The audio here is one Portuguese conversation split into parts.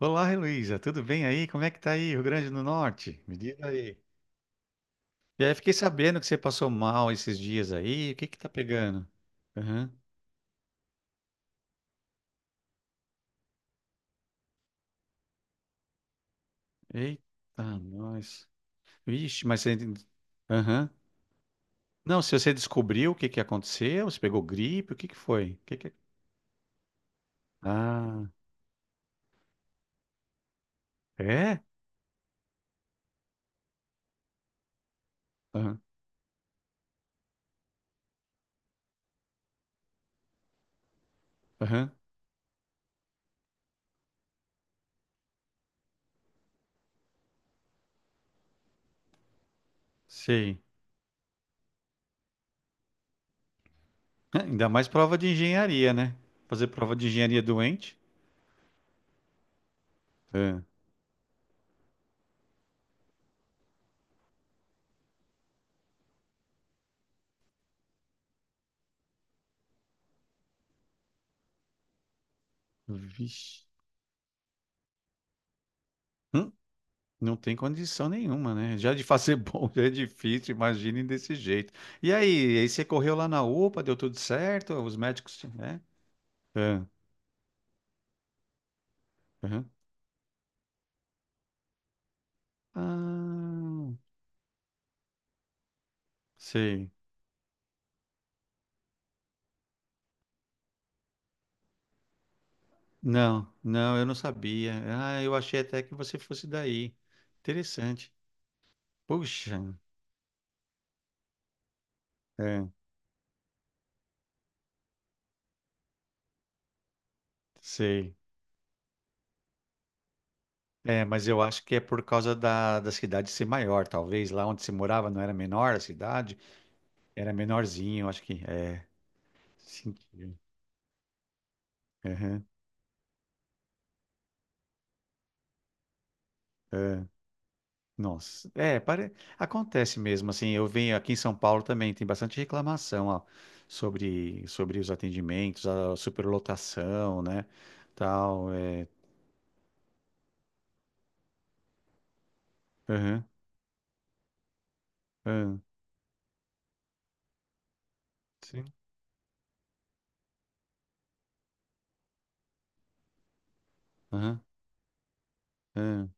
Olá, Heloísa, tudo bem aí? Como é que tá aí, Rio Grande do Norte? Me diz aí. E aí, fiquei sabendo que você passou mal esses dias aí. O que que tá pegando? Aham. Eita, nós. Vixe, mas você... Aham. Não, se você descobriu o que que aconteceu, você pegou gripe, o que que foi? É? Ah, é? Aham, aham, sei. Ah, ainda mais prova de engenharia, né? Fazer prova de engenharia doente? Ah, vixe. Hum? Não tem condição nenhuma, né? Já de fazer bom já é difícil, imagine desse jeito. E aí, você correu lá na UPA, deu tudo certo? Os médicos, né? Ah, aham. Ah, sei. Não, não, eu não sabia. Ah, eu achei até que você fosse daí. Interessante. Puxa, é, sei. É, mas eu acho que é por causa da cidade ser maior, talvez. Lá onde você morava não era menor a cidade, era menorzinho, eu acho que é. Sentido. Aham, é. Nossa, é, acontece mesmo, assim, eu venho aqui em São Paulo também, tem bastante reclamação, ó, sobre os atendimentos, a superlotação, né, tal, é, aham, aham, sim. Aham, aham,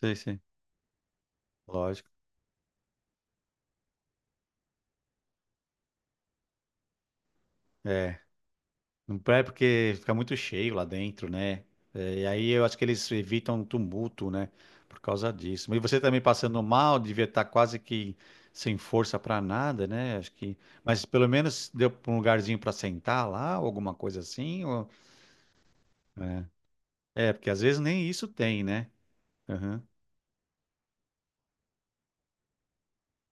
sei, sei, lógico, é. Não é porque fica muito cheio lá dentro, né? É. E aí eu acho que eles evitam tumulto, né? Por causa disso. Mas você também passando mal, devia estar quase que sem força para nada, né? Acho que. Mas pelo menos deu pra um lugarzinho para sentar lá, ou alguma coisa assim. Ou... É. É, porque às vezes nem isso tem, né?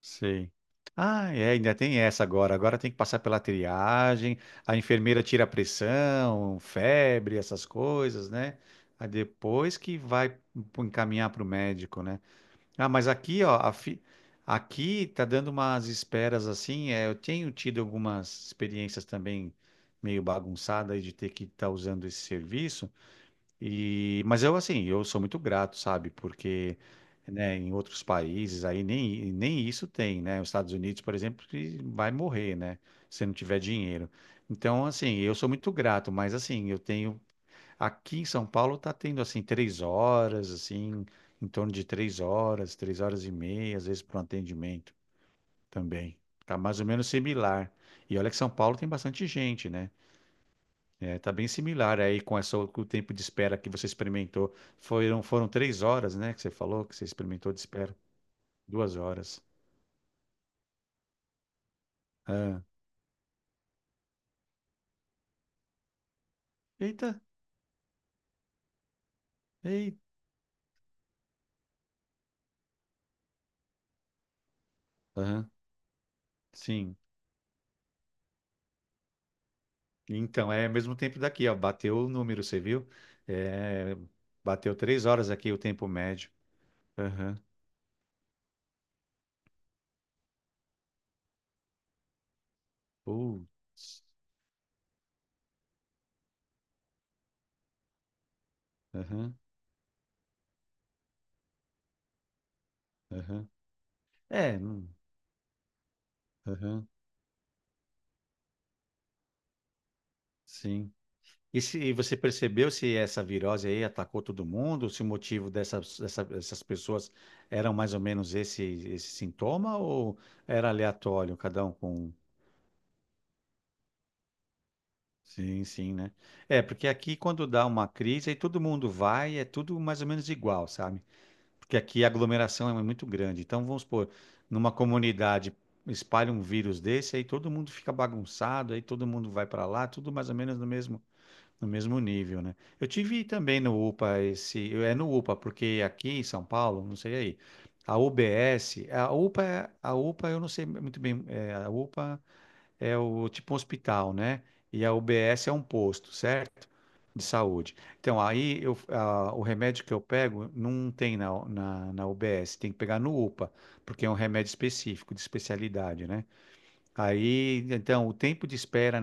Sei. Ah, é, ainda tem essa agora. Agora tem que passar pela triagem, a enfermeira tira a pressão, febre, essas coisas, né? Aí depois que vai encaminhar para o médico, né? Ah, mas aqui, ó, aqui tá dando umas esperas assim. É, eu tenho tido algumas experiências também meio bagunçadas aí de ter que estar usando esse serviço. E, mas eu, assim, eu sou muito grato, sabe? Porque, né, em outros países aí nem isso tem, né? Os Estados Unidos, por exemplo, que vai morrer, né? Se não tiver dinheiro. Então, assim, eu sou muito grato, mas, assim, eu tenho... Aqui em São Paulo tá tendo, assim, 3 horas, assim, em torno de 3 horas, 3 horas e meia, às vezes, para um atendimento também. Tá mais ou menos similar. E olha que São Paulo tem bastante gente, né? É, tá bem similar aí com essa, com o tempo de espera que você experimentou. Foram 3 horas, né, que você falou que você experimentou de espera. 2 horas. Ah, eita, eita. Aham, sim. Então, é mesmo tempo daqui, ó. Bateu o número, você viu? É, bateu 3 horas aqui o tempo médio. Aham. Putz. Aham, aham. É, aham, sim. E se você percebeu se essa virose aí atacou todo mundo, se o motivo dessas pessoas eram mais ou menos esse sintoma ou era aleatório, cada um com. Sim, sim, né? É, porque aqui quando dá uma crise, aí todo mundo vai, é tudo mais ou menos igual, sabe? Porque aqui a aglomeração é muito grande. Então, vamos supor, numa comunidade espalha um vírus desse, aí todo mundo fica bagunçado, aí todo mundo vai para lá, tudo mais ou menos no mesmo nível, né? Eu tive também no UPA esse, é no UPA, porque aqui em São Paulo, não sei aí, a UBS, a UPA, a UPA eu não sei muito bem, é, a UPA é o tipo um hospital, né? E a UBS é um posto, certo? De saúde. Então, aí eu, o remédio que eu pego não tem na UBS, tem que pegar no UPA, porque é um remédio específico, de especialidade, né? Aí, então, o tempo de espera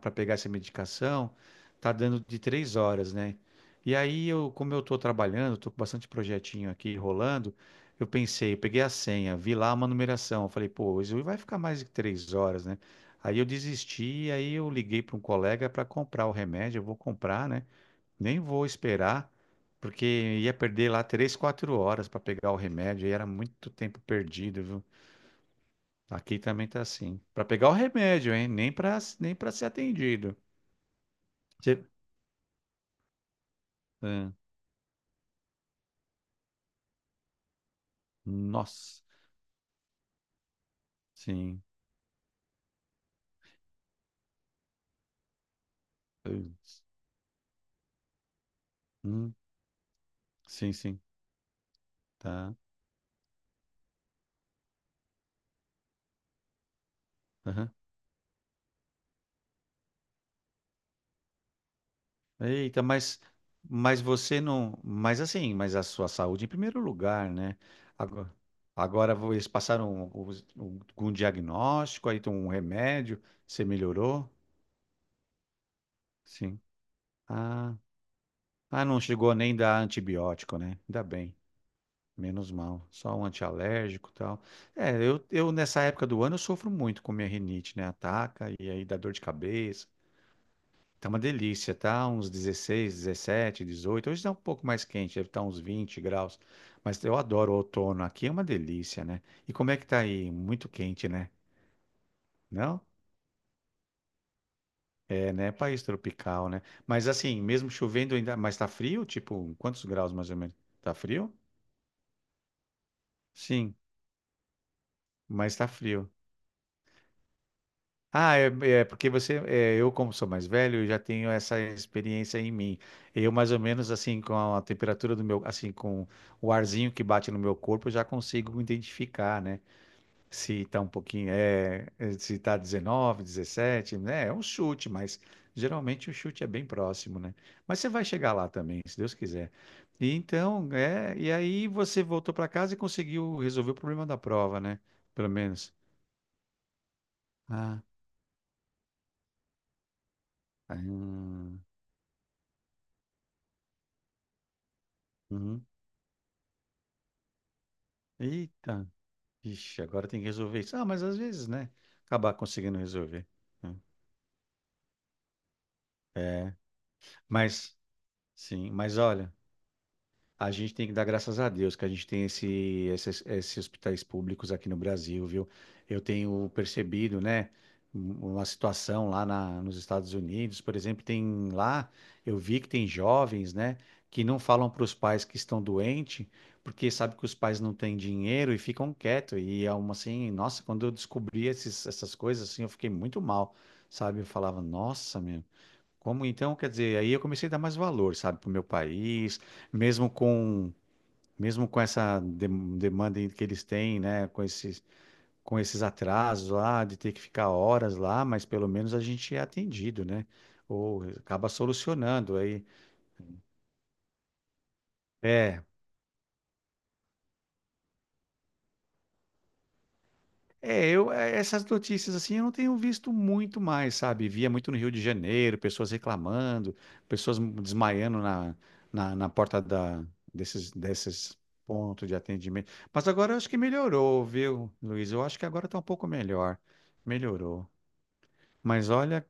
para pegar essa medicação tá dando de 3 horas, né? E aí eu, como eu tô trabalhando, tô com bastante projetinho aqui rolando, eu pensei, eu peguei a senha, vi lá uma numeração, eu falei, pô, isso vai ficar mais de 3 horas, né? Aí eu desisti, aí eu liguei para um colega para comprar o remédio, eu vou comprar, né? Nem vou esperar, porque ia perder lá 3, 4 horas para pegar o remédio, e era muito tempo perdido, viu? Aqui também tá assim. Pra pegar o remédio, hein? Nem para ser atendido. Você- Ah, nossa, sim. Putz. Hum, sim, sim, tá. Aham. Eita, mas você não, mas assim, mas a sua saúde em primeiro lugar, né? Agora, agora eles passaram algum diagnóstico, aí tem um remédio, você melhorou? Sim. Ah, ah, não chegou nem dar antibiótico, né? Ainda bem. Menos mal, só um antialérgico e tal. É, eu nessa época do ano eu sofro muito com minha rinite, né? Ataca e aí dá dor de cabeça. Tá uma delícia, tá? Uns 16, 17, 18. Hoje tá um pouco mais quente, deve estar uns 20 graus. Mas eu adoro o outono, aqui é uma delícia, né? E como é que tá aí? Muito quente, né? Não? É, né? País tropical, né? Mas assim, mesmo chovendo ainda, mas tá frio? Tipo, quantos graus mais ou menos? Tá frio? Sim, mas tá frio. Ah, é, porque você, é, eu como sou mais velho, eu já tenho essa experiência em mim. Eu mais ou menos assim com a temperatura do meu, assim com o arzinho que bate no meu corpo, eu já consigo identificar, né? Se tá um pouquinho, se tá 19, 17, né? É um chute, mas geralmente o chute é bem próximo, né? Mas você vai chegar lá também, se Deus quiser. E então, é, e aí você voltou para casa e conseguiu resolver o problema da prova, né? Pelo menos. Ah, ah, uhum. Eita, ixi, agora tem que resolver isso. Ah, mas às vezes, né? Acabar conseguindo resolver. Né? É, mas, sim, mas olha, a gente tem que dar graças a Deus que a gente tem esses hospitais públicos aqui no Brasil, viu? Eu tenho percebido, né, uma situação lá nos Estados Unidos, por exemplo, tem lá, eu vi que tem jovens, né, que não falam para os pais que estão doentes, porque sabe que os pais não têm dinheiro e ficam quietos. E é uma assim, nossa, quando eu descobri essas coisas, assim, eu fiquei muito mal, sabe? Eu falava, nossa, meu. Como então, quer dizer, aí eu comecei a dar mais valor, sabe, para o meu país, mesmo com mesmo com essa demanda que eles têm, né, com esses atrasos lá de ter que ficar horas lá, mas pelo menos a gente é atendido, né? Ou acaba solucionando aí. É, é, eu, essas notícias assim, eu não tenho visto muito mais, sabe? Via muito no Rio de Janeiro, pessoas reclamando, pessoas desmaiando na porta da, desses pontos de atendimento. Mas agora eu acho que melhorou, viu, Luiz? Eu acho que agora tá um pouco melhor. Melhorou. Mas olha,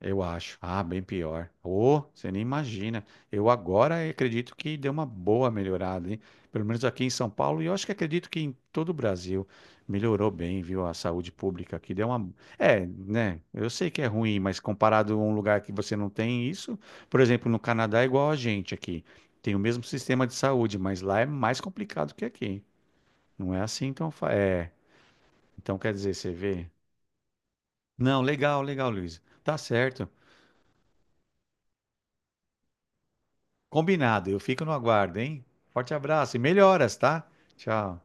eu acho. Ah, bem pior. Ô, você nem imagina. Eu agora acredito que deu uma boa melhorada, hein? Pelo menos aqui em São Paulo, e eu acho que acredito que em todo o Brasil melhorou bem, viu? A saúde pública aqui deu uma. É, né? Eu sei que é ruim, mas comparado a um lugar que você não tem isso, por exemplo, no Canadá é igual a gente aqui. Tem o mesmo sistema de saúde, mas lá é mais complicado que aqui. Não é assim, então. É. Então quer dizer, você vê. Não, legal, legal, Luiz. Tá certo. Combinado. Eu fico no aguardo, hein? Forte abraço e melhoras, tá? Tchau.